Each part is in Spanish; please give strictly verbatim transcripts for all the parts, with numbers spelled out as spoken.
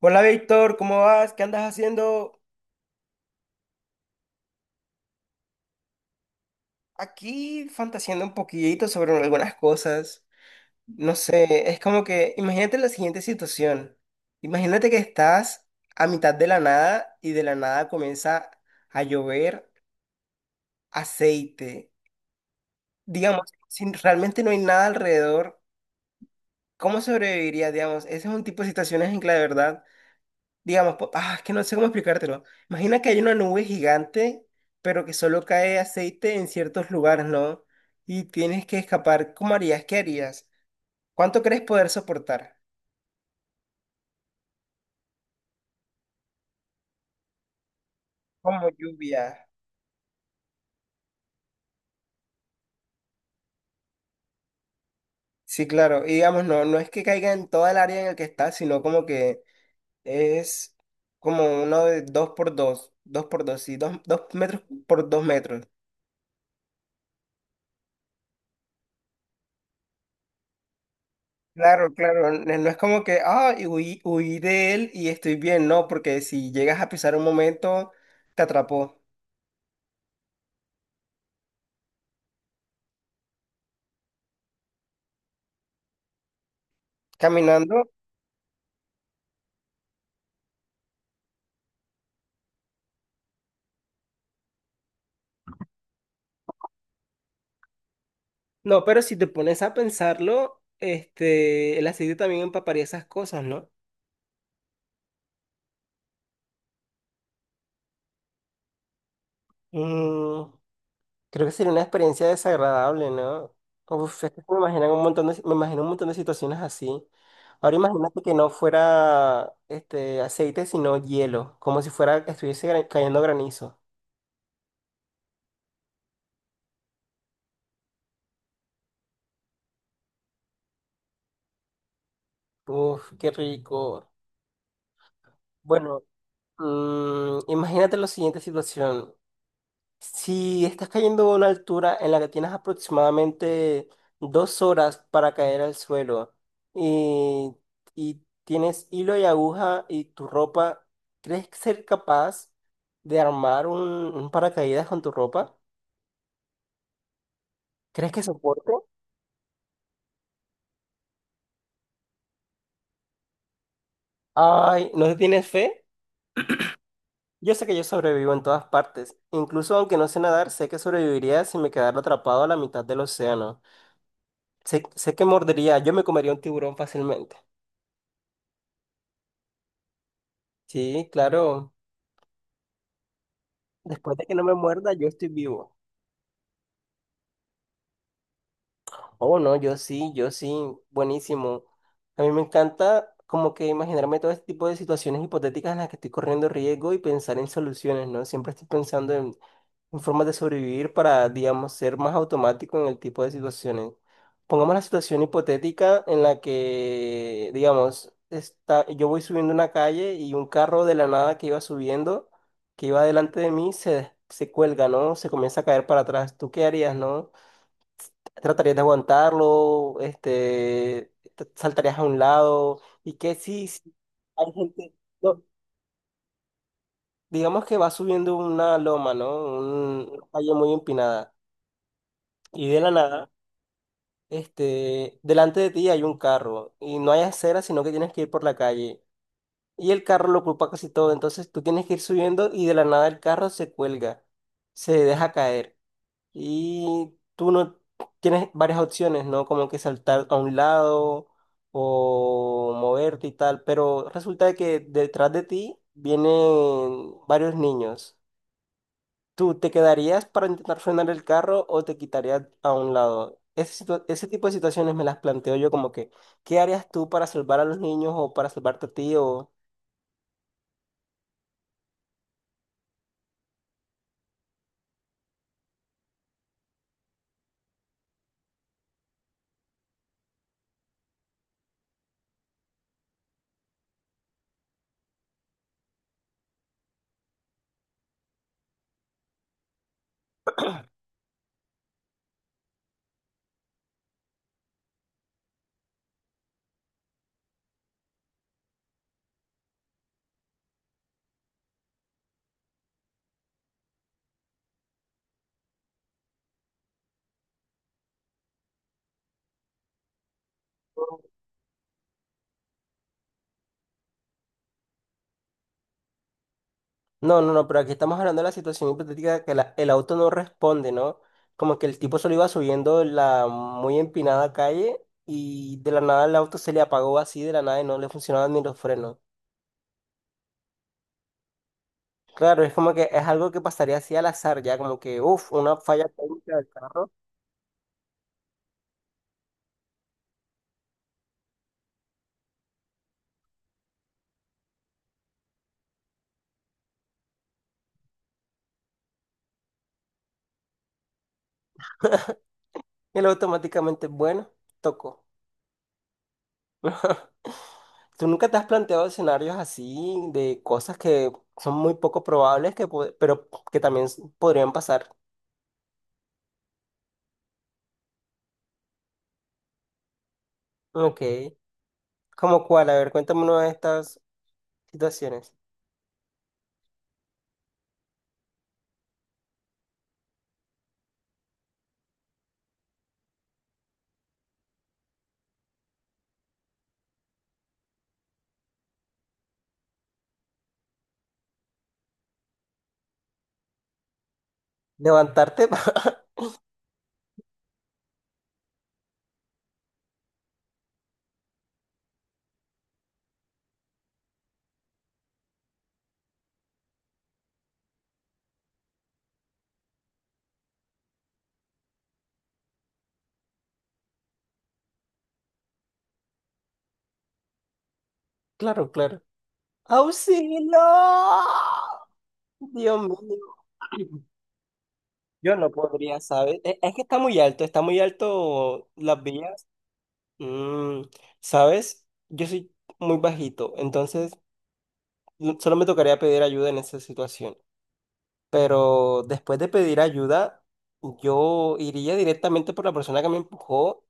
Hola Víctor, ¿cómo vas? ¿Qué andas haciendo? Aquí fantaseando un poquito sobre algunas cosas. No sé, es como que imagínate la siguiente situación. Imagínate que estás a mitad de la nada y de la nada comienza a llover aceite. Digamos, si realmente no hay nada alrededor, ¿cómo sobrevivirías? Digamos, ese es un tipo de situaciones en que la verdad digamos, po- ah, es que no sé cómo explicártelo. Imagina que hay una nube gigante, pero que solo cae aceite en ciertos lugares, ¿no? Y tienes que escapar. ¿Cómo harías? ¿Qué harías? ¿Cuánto crees poder soportar? Como lluvia. Sí, claro. Y digamos, no, no es que caiga en toda el área en el que está, sino como que es como uno de dos por dos, dos por dos, sí, dos, dos metros por dos metros. Claro, claro, n- no es como que, ah, y huí, huí de él y estoy bien, no, porque si llegas a pisar un momento, te atrapó caminando. No, pero si te pones a pensarlo, este, el aceite también empaparía esas cosas, ¿no? Mm, creo que sería una experiencia desagradable, ¿no? Uf, es que me imaginan un montón de, si, me imagino un montón de situaciones así. Ahora imagínate que no fuera este aceite, sino hielo, como si fuera estuviese gra- cayendo granizo. Uf, qué rico. Bueno, Mm, imagínate la siguiente situación. Si estás cayendo a una altura en la que tienes aproximadamente dos horas para caer al suelo y, y tienes hilo y aguja y tu ropa, ¿crees que ser capaz de armar un, un paracaídas con tu ropa? ¿Crees que soporte? Ay, ¿no le tienes fe? Yo sé que yo sobrevivo en todas partes. Incluso aunque no sé nadar, sé que sobreviviría si me quedara atrapado a la mitad del océano. Sé, sé que mordería, yo me comería un tiburón fácilmente. Sí, claro. Después de que no me muerda, yo estoy vivo. Oh, no, yo sí, yo sí, buenísimo. A mí me encanta como que imaginarme todo este tipo de situaciones hipotéticas en las que estoy corriendo riesgo y pensar en soluciones, ¿no? Siempre estoy pensando en, formas de sobrevivir para, digamos, ser más automático en el tipo de situaciones. Pongamos la situación hipotética en la que, digamos, está, yo voy subiendo una calle y un carro de la nada que iba subiendo, que iba delante de mí, se, des- se cuelga, ¿no? Se comienza a caer para atrás. ¿Tú qué harías, no? ¿Tratarías de aguantarlo? Este, te- ¿saltarías a un lado? ¿Y qué si si hay gente... no, digamos que va subiendo una loma, ¿no? Un- una calle muy empinada. Y de la nada, este, delante de ti hay un carro y no hay acera, sino que tienes que ir por la calle. Y el carro lo ocupa casi todo, entonces tú tienes que ir subiendo y de la nada el carro se cuelga, se deja caer. Y tú no tienes varias opciones, ¿no? Como que saltar a un lado o moverte y tal, pero resulta de que detrás de ti vienen varios niños. ¿Tú te quedarías para intentar frenar el carro o te quitarías a un lado? Ese, situa- ese tipo de situaciones me las planteo yo como que, ¿qué harías tú para salvar a los niños o para salvarte a ti? O... No, no, no, pero aquí estamos hablando de la situación hipotética de que la- el auto no responde, ¿no? Como que el tipo solo iba subiendo la muy empinada calle y de la nada el auto se le apagó así de la nada y no le funcionaban ni los frenos. Claro, es como que es algo que pasaría así al azar, ya como que, uff, una falla técnica del carro y él automáticamente, bueno, tocó. ¿Tú nunca te has planteado escenarios así de cosas que son muy poco probables, que, po- pero que también s- podrían pasar? Ok. ¿Cómo cuál? A ver, cuéntame una de estas situaciones. Levantarte. Claro, claro. ¡Auxilio! Dios mío. Yo no podría, ¿sabes? E- Es que está muy alto, está muy alto las vías. Mm, ¿sabes? Yo soy muy bajito, entonces mm, solo me tocaría pedir ayuda en esa situación. Pero después de pedir ayuda, yo iría directamente por la persona que me empujó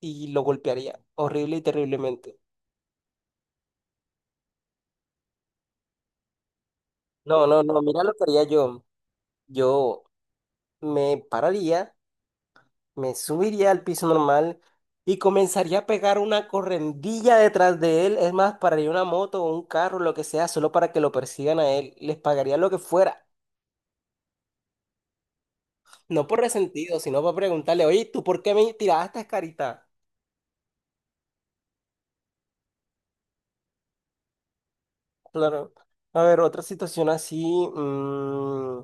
y lo golpearía horrible y terriblemente. No, no, no, mira lo que haría yo. Yo me pararía, me subiría al piso normal y comenzaría a pegar una correndilla detrás de él. Es más, pararía una moto o un carro, lo que sea, solo para que lo persigan a él. Les pagaría lo que fuera. No por resentido, sino para preguntarle, oye, ¿tú por qué me tiraste, carita? Claro. A ver, otra situación así. mm,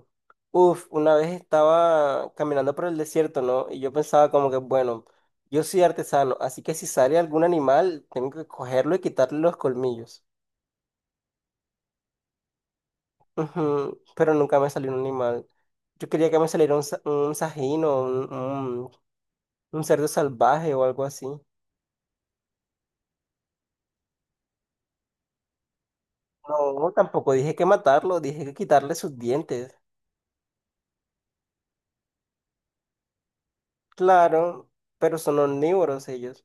uf, una vez estaba caminando por el desierto, ¿no? Y yo pensaba como que, bueno, yo soy artesano, así que si sale algún animal, tengo que cogerlo y quitarle los colmillos. Ujú. Pero nunca me salió un animal. Yo quería que me saliera un, sa- un sajín o un, un, un cerdo salvaje o algo así. No, tampoco dije que matarlo, dije que quitarle sus dientes. Claro, pero son omnívoros ellos.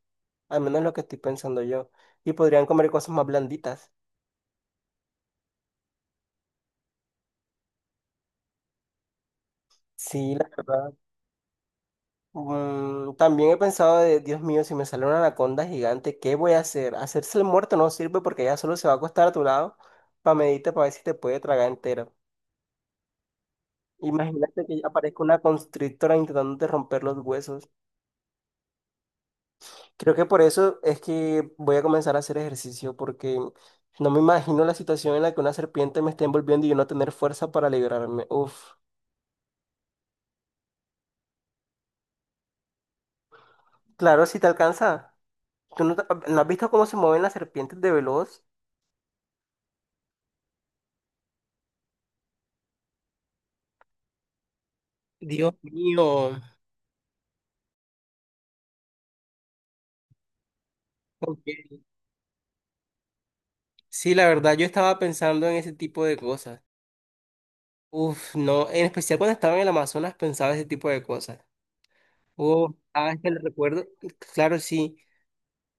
Al menos lo que estoy pensando yo. Y podrían comer cosas más blanditas. Sí, la verdad. Mm, también he pensado de, Dios mío, si me sale una anaconda gigante, ¿qué voy a hacer? Hacerse el muerto no sirve porque ella solo se va a acostar a tu lado para medirte para ver si te puede tragar entero. Imagínate que ya aparezca una constrictora intentando de romper los huesos. Creo que por eso es que voy a comenzar a hacer ejercicio porque no me imagino la situación en la que una serpiente me esté envolviendo y yo no tener fuerza para liberarme. Uf. Claro, si te alcanza. ¿Tú no, te- no has visto cómo se mueven las serpientes de veloz? Dios mío. Ok. Sí, la verdad, yo estaba pensando en ese tipo de cosas. Uf, no, en especial cuando estaba en el Amazonas pensaba ese tipo de cosas. Uf, ah, es que le recuerdo, claro, sí.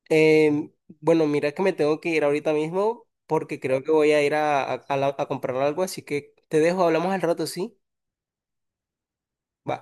Em, bueno, mira que me tengo que ir ahorita mismo porque creo que voy a ir a, a, a la- a comprar algo, así que te dejo, hablamos al rato, ¿sí? Va.